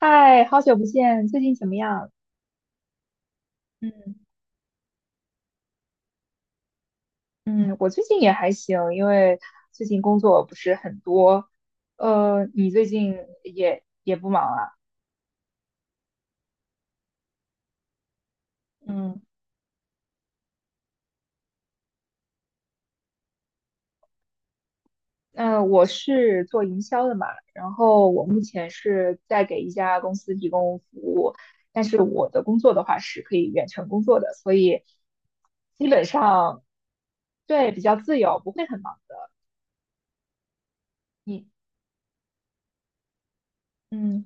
嗨，好久不见，最近怎么样？嗯嗯。我最近也还行，因为最近工作不是很多。你最近也不忙啊？嗯那我是做营销的嘛，然后我目前是在给一家公司提供服务，但是我的工作的话是可以远程工作的，所以基本上，对，比较自由，不会很忙。你嗯，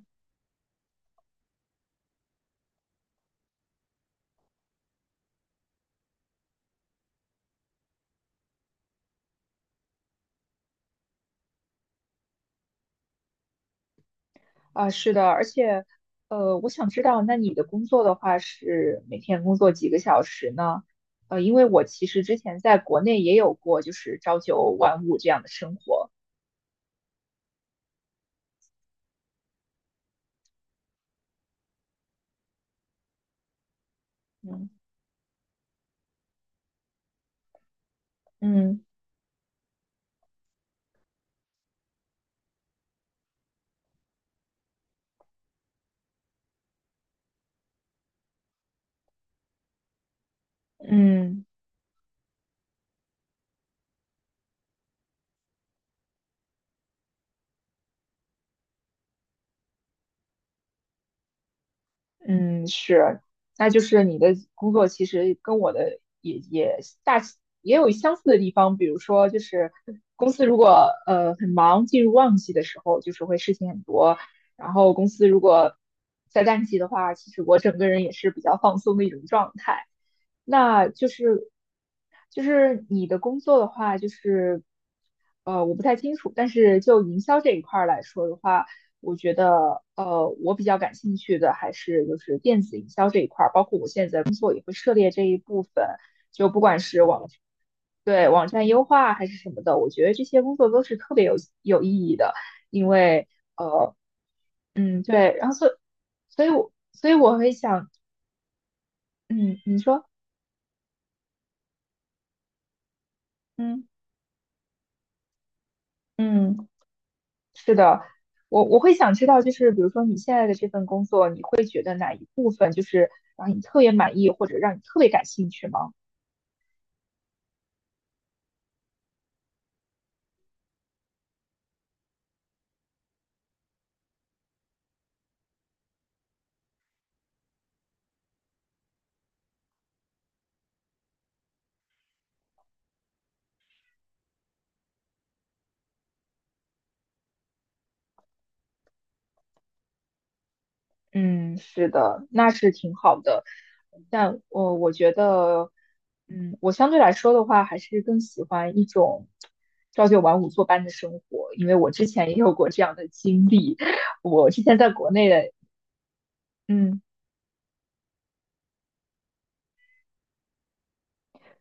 啊，是的，而且，我想知道，那你的工作的话是每天工作几个小时呢？因为我其实之前在国内也有过，就是朝九晚五这样的生活。嗯嗯嗯。嗯，是，那就是你的工作其实跟我的也有相似的地方，比如说就是公司如果很忙，进入旺季的时候，就是会事情很多，然后公司如果在淡季的话，其实我整个人也是比较放松的一种状态。那就是就是你的工作的话，就是我不太清楚，但是就营销这一块儿来说的话。我觉得，我比较感兴趣的还是就是电子营销这一块儿，包括我现在工作也会涉猎这一部分，就不管是对，网站优化还是什么的，我觉得这些工作都是特别有意义的。因为，呃，对，然后所以我会想。嗯，你说。嗯嗯，是的，我会想知道，就是比如说你现在的这份工作，你会觉得哪一部分就是让你特别满意，或者让你特别感兴趣吗？嗯，是的，那是挺好的，但我觉得，我相对来说的话，还是更喜欢一种朝九晚五坐班的生活，因为我之前也有过这样的经历，我之前在国内的。嗯。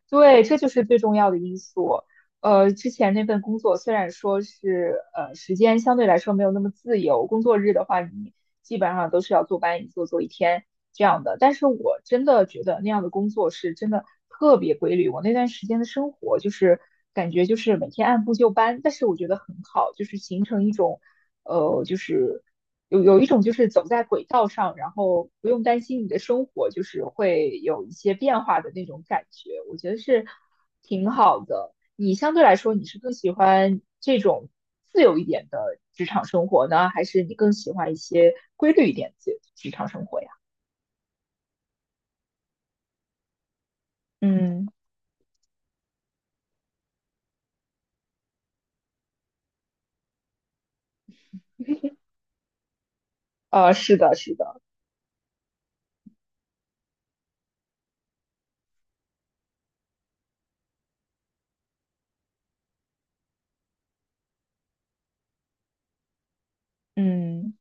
对，这就是最重要的因素。之前那份工作虽然说是时间相对来说没有那么自由，工作日的话你基本上都是要坐班一坐坐一天这样的，但是我真的觉得那样的工作是真的特别规律。我那段时间的生活就是感觉就是每天按部就班，但是我觉得很好，就是形成一种就是有一种就是走在轨道上，然后不用担心你的生活就是会有一些变化的那种感觉，我觉得是挺好的。你相对来说，你是更喜欢这种自由一点的职场生活呢，还是你更喜欢一些规律一点的职场生活呀？嗯，是的，是的，嗯。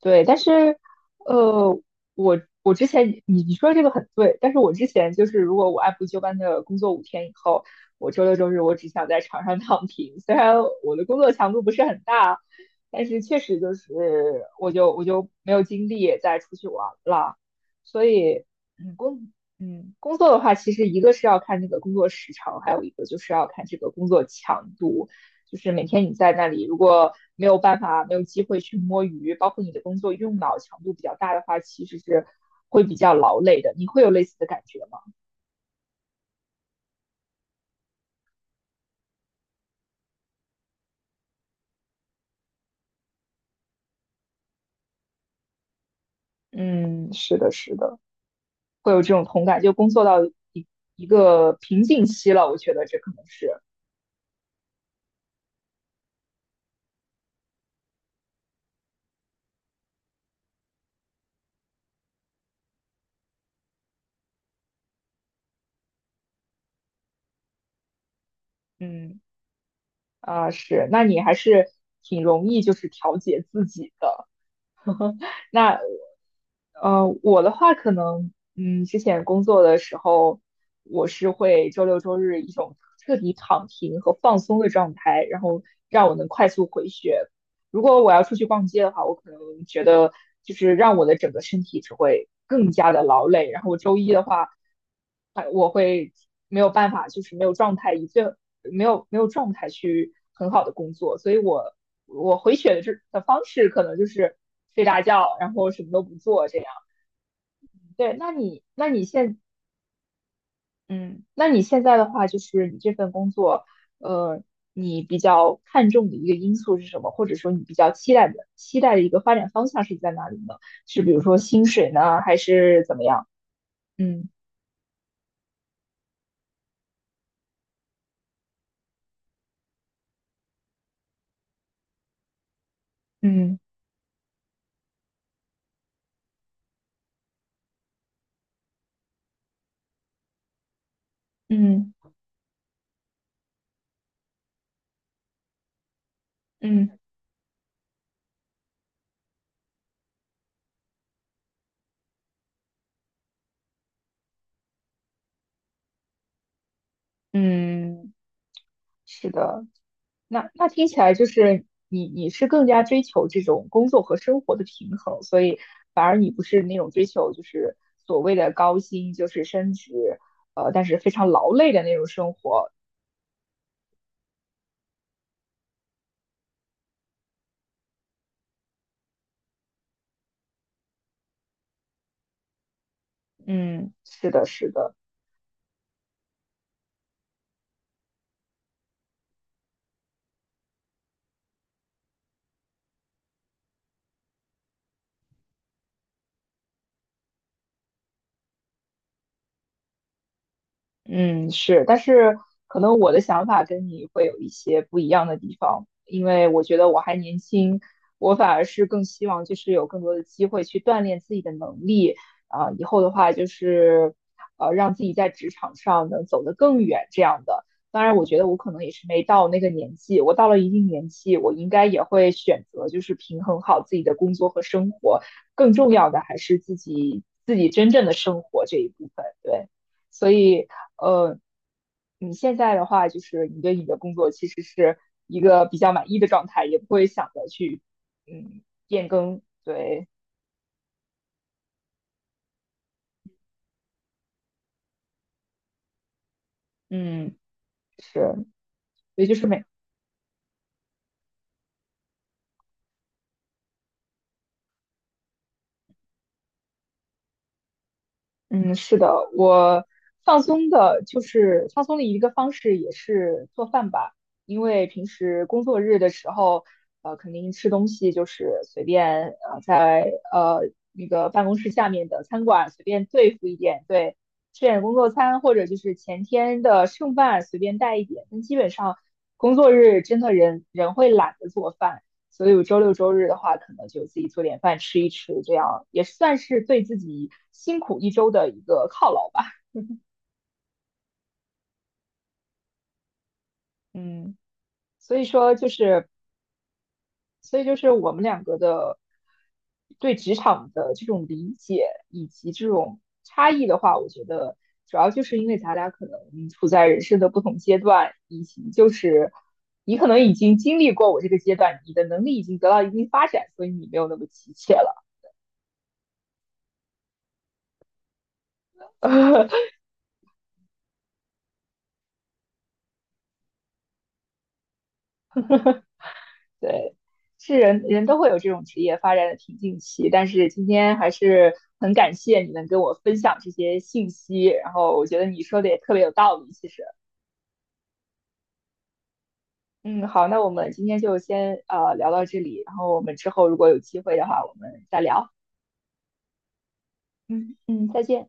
对，但是，呃，我之前你说的这个很对，但是我之前就是，如果我按部就班的工作5天以后，我周六周日我只想在床上躺平。虽然我的工作强度不是很大，但是确实就是我就没有精力再出去玩了。所以，嗯，工工作的话，其实一个是要看那个工作时长，还有一个就是要看这个工作强度。就是每天你在那里，如果没有办法、没有机会去摸鱼，包括你的工作用脑强度比较大的话，其实是会比较劳累的。你会有类似的感觉吗？嗯，是的，是的，会有这种同感。就工作到一一个瓶颈期了，我觉得这可能是。嗯是。那你还是挺容易就是调节自己的。那我的话可能，之前工作的时候，我是会周六周日一种彻底躺平和放松的状态，然后让我能快速回血。如果我要出去逛街的话，我可能觉得就是让我的整个身体只会更加的劳累。然后我周一的话，哎，我会没有办法，就是没有状态，以最没有没有状态去很好的工作。所以我回血的这的方式可能就是睡大觉，然后什么都不做这样。对，那你现在的话，就是你这份工作，呃，你比较看重的一个因素是什么？或者说你比较期待的一个发展方向是在哪里呢？是比如说薪水呢，还是怎么样？嗯嗯嗯嗯嗯，是的。那听起来就是你是更加追求这种工作和生活的平衡，所以反而你不是那种追求就是所谓的高薪，就是升职，但是非常劳累的那种生活。嗯，是的，是的。嗯，是，但是可能我的想法跟你会有一些不一样的地方，因为我觉得我还年轻，我反而是更希望就是有更多的机会去锻炼自己的能力，啊、以后的话就是让自己在职场上能走得更远这样的。当然，我觉得我可能也是没到那个年纪，我到了一定年纪，我应该也会选择就是平衡好自己的工作和生活，更重要的还是自己真正的生活这一部分，对。所以，呃，你现在的话，就是你对你的工作其实是一个比较满意的状态，也不会想着去，变更。对，嗯，是，所以就是是的，我放松的，就是放松的一个方式也是做饭吧，因为平时工作日的时候，肯定吃东西就是随便，在那个办公室下面的餐馆随便对付一点，对，吃点工作餐或者就是前天的剩饭随便带一点，但基本上工作日真的人人会懒得做饭。所以我周六周日的话，可能就自己做点饭吃一吃，这样也算是对自己辛苦一周的一个犒劳吧。嗯，所以说就是，所以就是我们两个的对职场的这种理解以及这种差异的话，我觉得主要就是因为咱俩可能处在人生的不同阶段，以及就是你可能已经经历过我这个阶段，你的能力已经得到一定发展，所以你没有那么急切了。对，是人人都会有这种职业发展的瓶颈期，但是今天还是很感谢你能跟我分享这些信息，然后我觉得你说的也特别有道理，其实。嗯，好，那我们今天就先聊到这里，然后我们之后如果有机会的话，我们再聊。嗯嗯，再见。